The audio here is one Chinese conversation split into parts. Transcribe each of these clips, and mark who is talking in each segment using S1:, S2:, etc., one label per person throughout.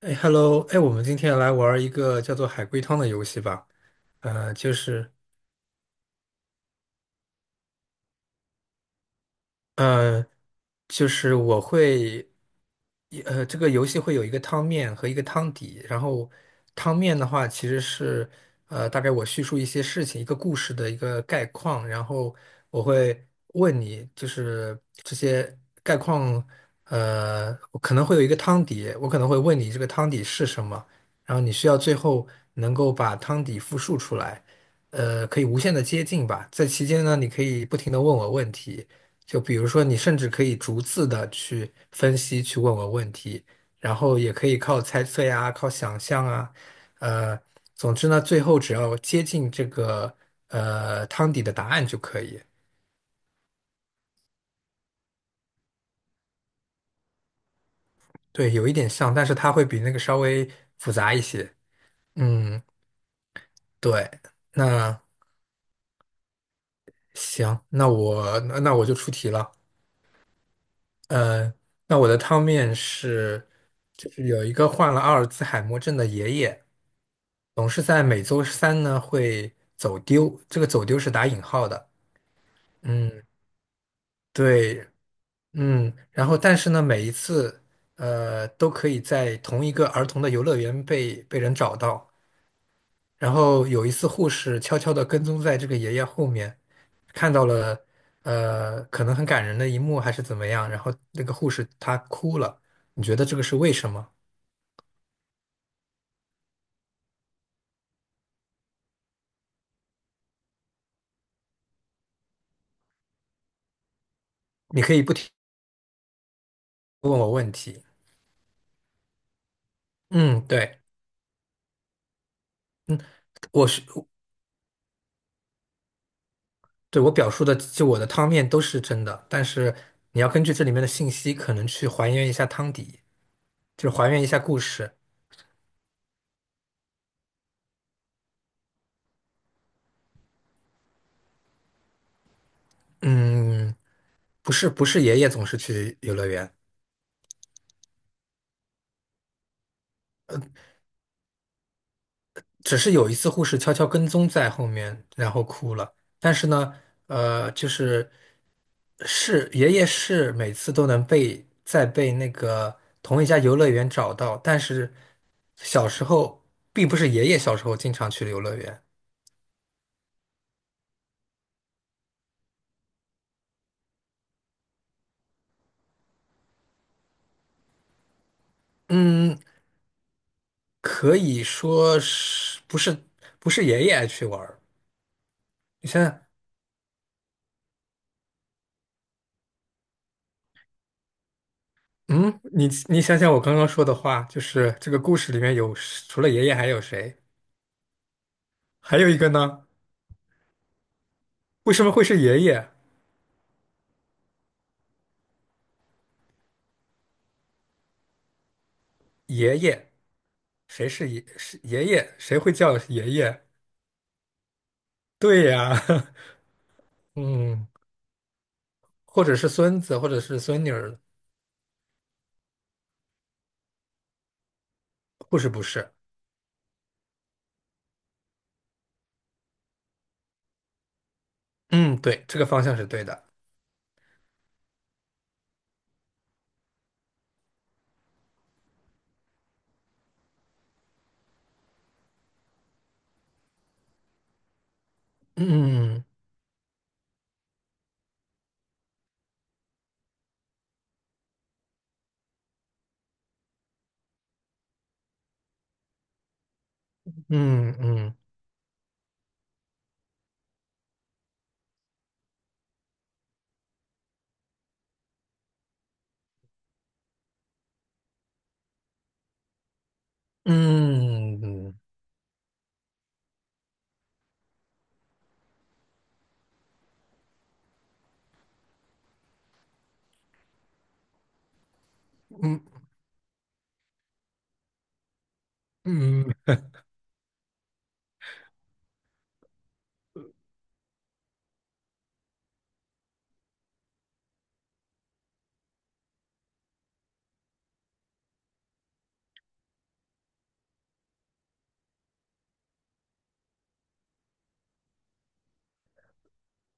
S1: 哎，Hello，哎，我们今天来玩一个叫做海龟汤的游戏吧。呃，就是，呃，就是我会，呃，这个游戏会有一个汤面和一个汤底，然后汤面的话其实是，大概我叙述一些事情、一个故事的一个概况，然后我会问你，就是这些概况，我可能会有一个汤底，我可能会问你这个汤底是什么，然后你需要最后能够把汤底复述出来，可以无限的接近吧，在期间呢，你可以不停的问我问题。就比如说，你甚至可以逐字的去分析、去问我问题，然后也可以靠猜测呀、靠想象啊，呃，总之呢，最后只要接近这个汤底的答案就可以。对，有一点像，但是它会比那个稍微复杂一些。嗯，对。那行，那我就出题了。呃，那我的汤面是，就是有一个患了阿尔兹海默症的爷爷。总是在每周三呢会走丢，这个走丢是打引号的。嗯，对。嗯，然后但是呢，每一次都可以在同一个儿童的游乐园被人找到。然后有一次，护士悄悄地跟踪在这个爷爷后面，看到了可能很感人的一幕还是怎么样，然后那个护士她哭了。你觉得这个是为什么？你可以不听。嗯，对。嗯，我是对，我表述的，就我的汤面都是真的，但是你要根据这里面的信息，可能去还原一下汤底，就是还原一下故事。嗯，不是，不是爷爷总是去游乐园，只是有一次护士悄悄跟踪在后面，然后哭了。但是呢，就是是爷爷是每次都能被在被那个同一家游乐园找到，但是小时候并不是爷爷小时候经常去游乐园。嗯，可以说是不是不是爷爷爱去玩儿？你想想，嗯，你想想我刚刚说的话，就是这个故事里面有除了爷爷还有谁？还有一个呢？为什么会是爷爷？爷爷，谁是爷？是爷爷？谁会叫爷爷？对呀，嗯，或者是孙子，或者是孙女儿，不是不是？嗯，对，这个方向是对的。嗯嗯嗯嗯嗯嗯嗯。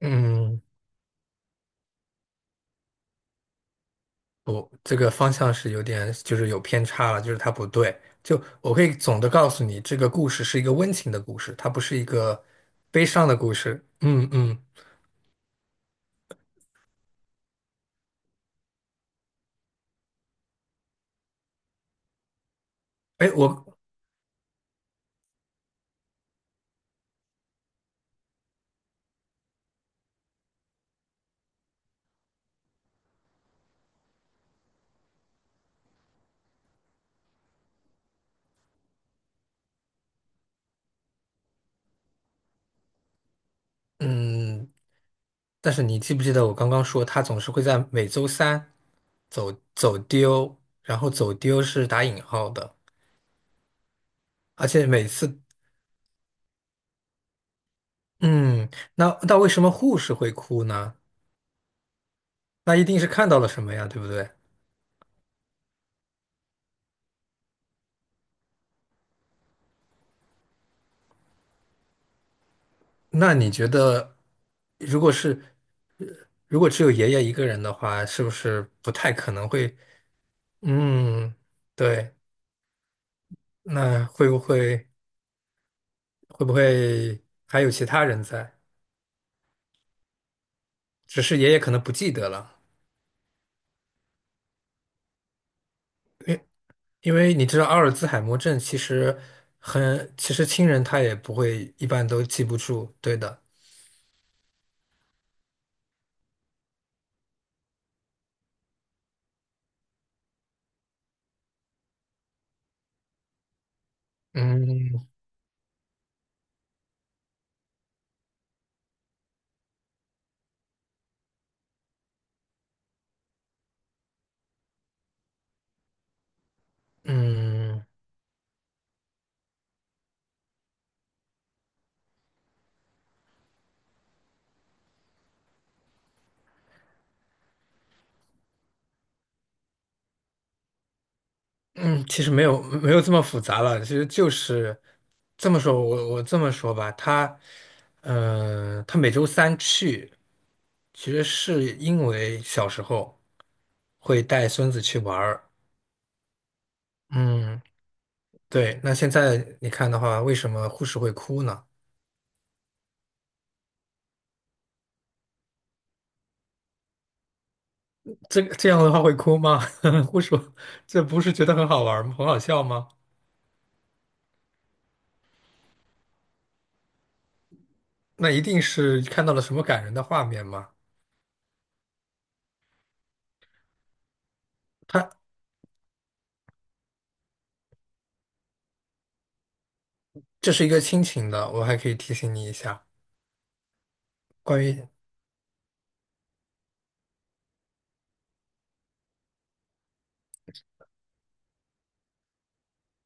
S1: 嗯，不，这个方向是有点，就是有偏差了，就是它不对。就我可以总的告诉你，这个故事是一个温情的故事，它不是一个悲伤的故事。嗯嗯，哎，我嗯，但是你记不记得我刚刚说，他总是会在每周三走丢，然后走丢是打引号的，而且每次嗯，那那为什么护士会哭呢？那一定是看到了什么呀，对不对？那你觉得，如果是？如果只有爷爷一个人的话，是不是不太可能会？嗯，对，那会不会还有其他人在？只是爷爷可能不记得了，因为因为你知道阿尔兹海默症其实很，其实亲人他也不会一般都记不住，对的。嗯嗯。嗯，其实没有这么复杂了，其实就是这么说，我这么说吧，他，嗯、他每周三去，其实是因为小时候会带孙子去玩儿，嗯，对。那现在你看的话，为什么护士会哭呢？这个这样的话会哭吗？护士，这不是觉得很好玩儿吗？很好笑吗？那一定是看到了什么感人的画面吗？他这是一个亲情的，我还可以提醒你一下。关于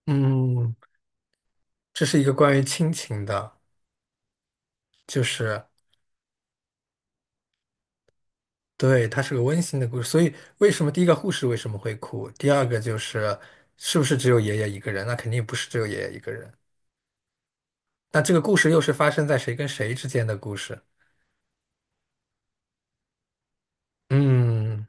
S1: 嗯，这是一个关于亲情的，就是对，它是个温馨的故事。所以为什么第一个护士为什么会哭？第二个就是是不是只有爷爷一个人？那肯定不是只有爷爷一个人。那这个故事又是发生在谁跟谁之间的故事？嗯，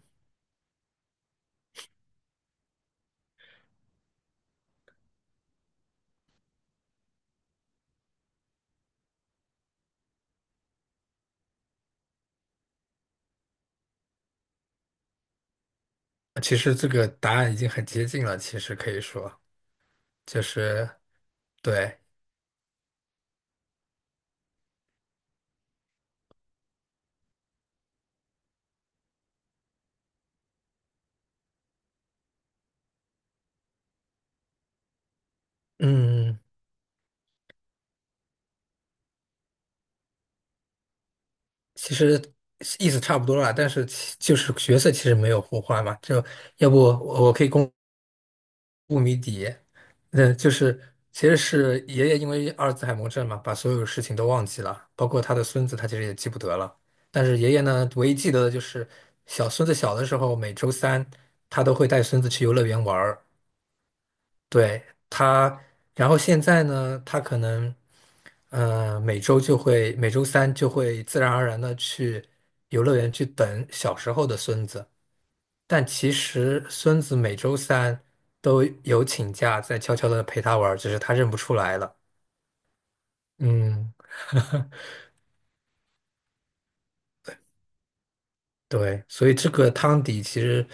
S1: 其实这个答案已经很接近了。其实可以说就是对，嗯，其实意思差不多了，但是其就是角色其实没有互换嘛。就要不我可以公。雾谜底，嗯，就是其实是爷爷因为阿尔兹海默症嘛，把所有事情都忘记了，包括他的孙子，他其实也记不得了。但是爷爷呢，唯一记得的就是小孙子小的时候，每周三他都会带孙子去游乐园玩儿。对，他，然后现在呢，他可能，每周就会每周三就会自然而然的去游乐园去等小时候的孙子。但其实孙子每周三都有请假，在悄悄的陪他玩儿，只是他认不出来了。嗯，对，所以这个汤底其实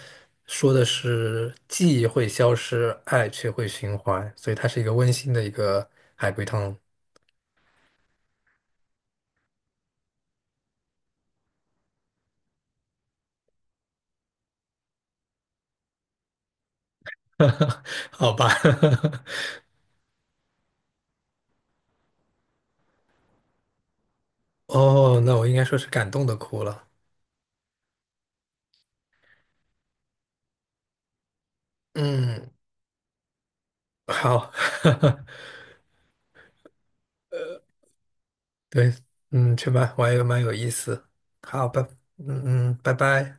S1: 说的是记忆会消失，爱却会循环，所以它是一个温馨的一个海龟汤。好吧，哦，那我应该说是感动的哭了。嗯，好，对，嗯，这蛮我也蛮有意思。好，拜，嗯嗯，拜拜。